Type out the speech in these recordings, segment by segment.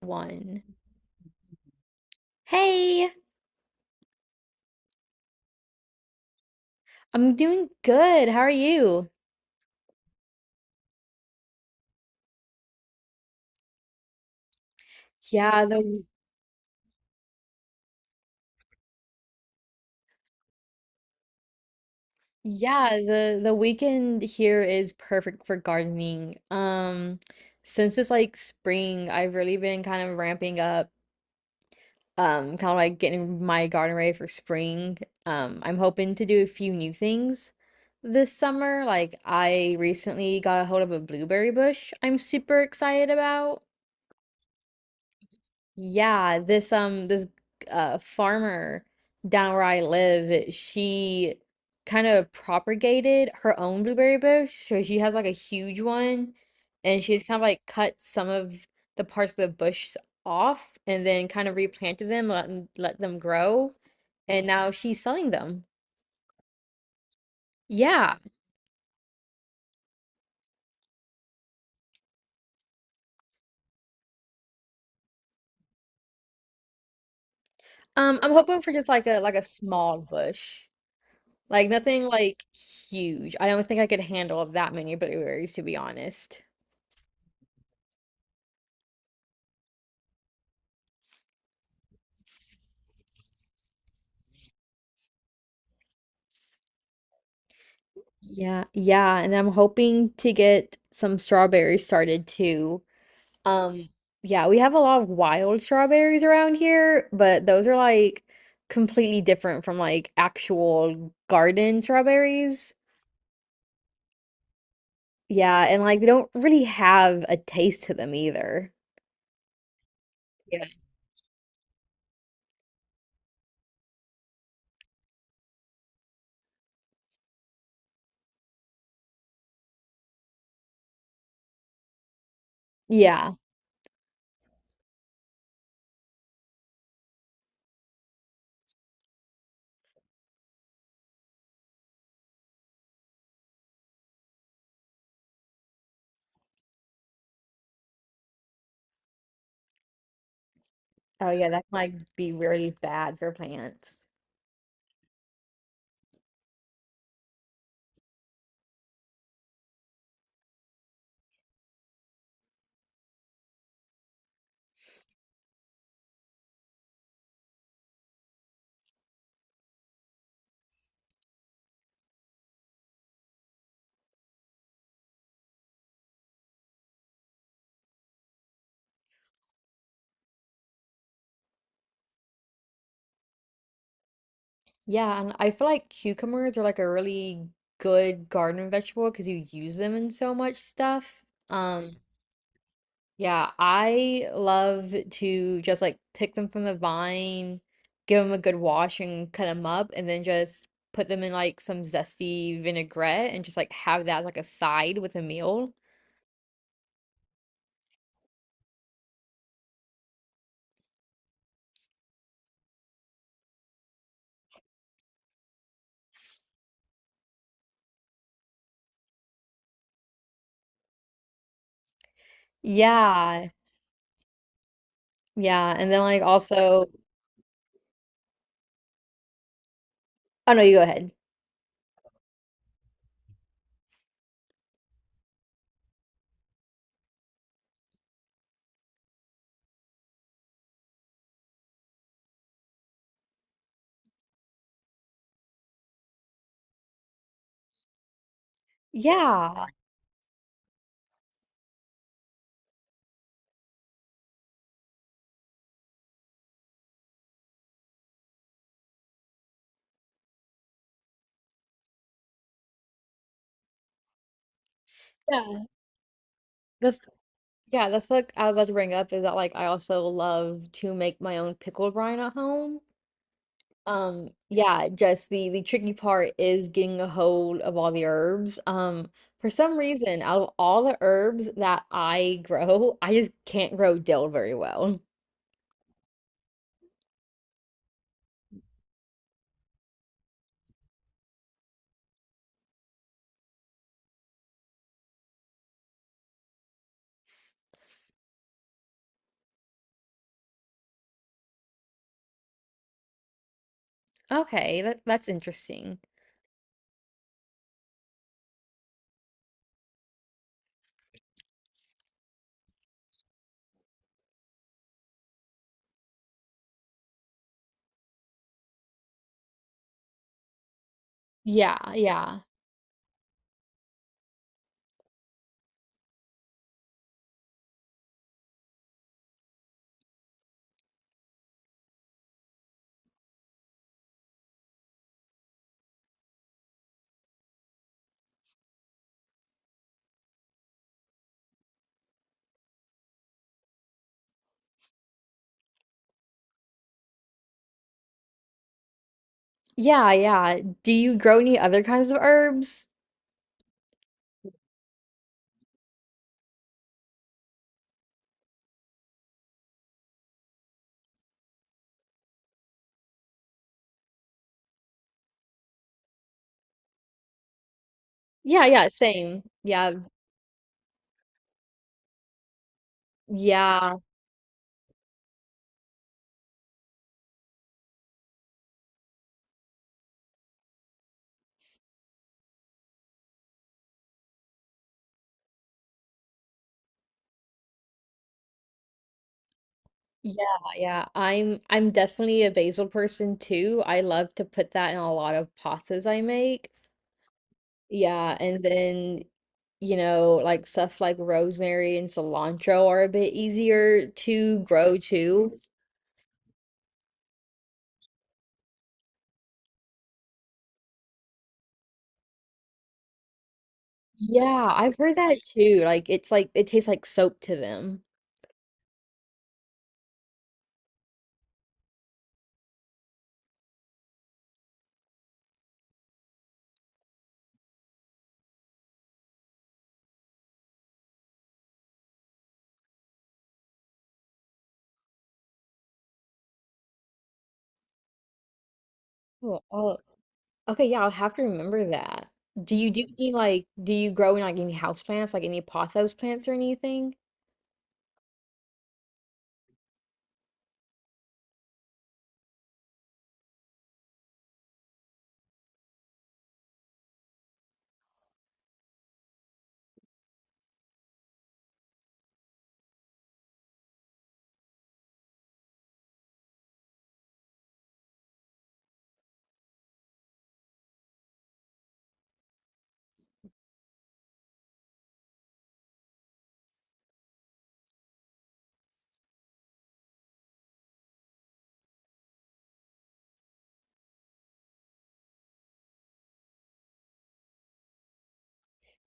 One. Hey, I'm doing good. How are you? Yeah, the yeah, the weekend here is perfect for gardening. Since it's like spring, I've really been kind of ramping up, kind of like getting my garden ready for spring. I'm hoping to do a few new things this summer. Like I recently got a hold of a blueberry bush I'm super excited about. Yeah, this farmer down where I live, she kind of propagated her own blueberry bush. So she has like a huge one and she's kind of like cut some of the parts of the bush off and then kind of replanted them, let them grow. And now she's selling them. Yeah. I'm hoping for just like a small bush. Like nothing like huge. I don't think I could handle that many blueberries to be honest. Yeah, yeah, and I'm hoping to get some strawberries started too. Um, yeah, we have a lot of wild strawberries around here, but those are like completely different from like actual garden strawberries. Yeah, and like they don't really have a taste to them either. Yeah. Yeah. Oh yeah, that might be really bad for plants. Yeah, and I feel like cucumbers are like a really good garden vegetable because you use them in so much stuff. Um, Yeah, I love to just like pick them from the vine, give them a good wash and cut them up, and then just put them in like some zesty vinaigrette and just like have that like a side with a meal. Yeah, yeah, and then like also, oh no, you go ahead. Yeah, yeah, that's yeah, that's what I was about to bring up is that like I also love to make my own pickle brine at home. Yeah, just the tricky part is getting a hold of all the herbs. For some reason, out of all the herbs that I grow, I just can't grow dill very well. Okay, that's interesting. Yeah, yeah. Yeah, yeah. Do you grow any other kinds of herbs? Yeah, yeah, same. Yeah, yeah, yeah, yeah. I'm definitely a basil person too. I love to put that in a lot of pastas I make. Yeah, and then you know, like stuff like rosemary and cilantro are a bit easier to grow too. Yeah, I've heard that too. Like it's like it tastes like soap to them. Oh. Okay, yeah, I'll have to remember that. Do you do any like do you grow in like any house plants, like any pothos plants or anything?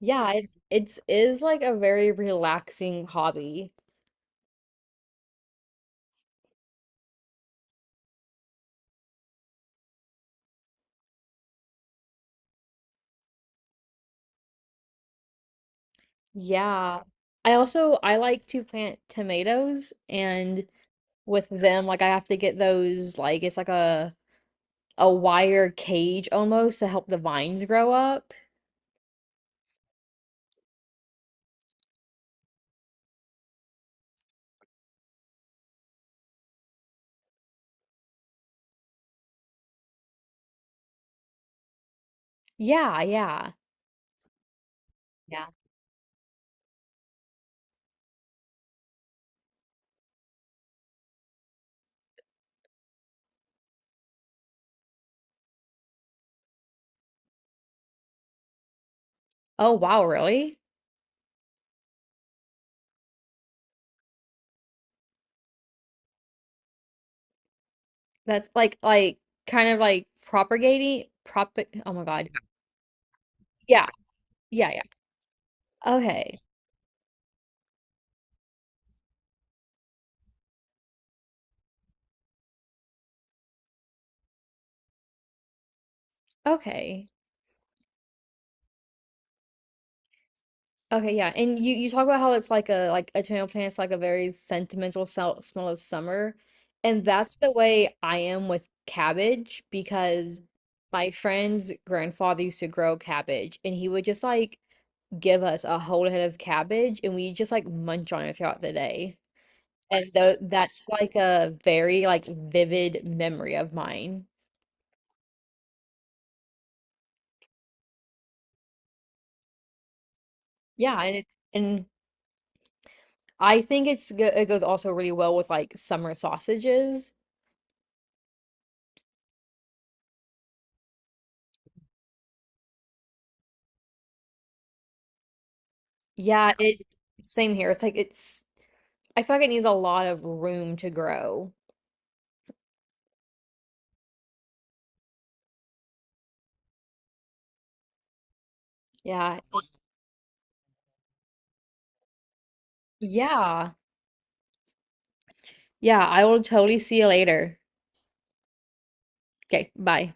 Yeah, it it's is like a very relaxing hobby. Yeah. I like to plant tomatoes and with them like I have to get those like it's like a wire cage almost to help the vines grow up. Yeah, yeah. Yeah. Oh wow, really? That's like kind of like propagating prop oh my God. Yeah. Yeah, yeah. Okay. Okay. Okay, yeah. And you talk about how it's like a tomato plant's like a very sentimental smell of summer. And that's the way I am with cabbage because my friend's grandfather used to grow cabbage and he would just like give us a whole head of cabbage and we just like munch on it throughout the day. And though that's like a very like vivid memory of mine. Yeah, and I think it goes also really well with like summer sausages. Yeah, it Same here. It's like it's I feel like it needs a lot of room to grow. Yeah. Yeah. Yeah, I will totally see you later. Okay, bye.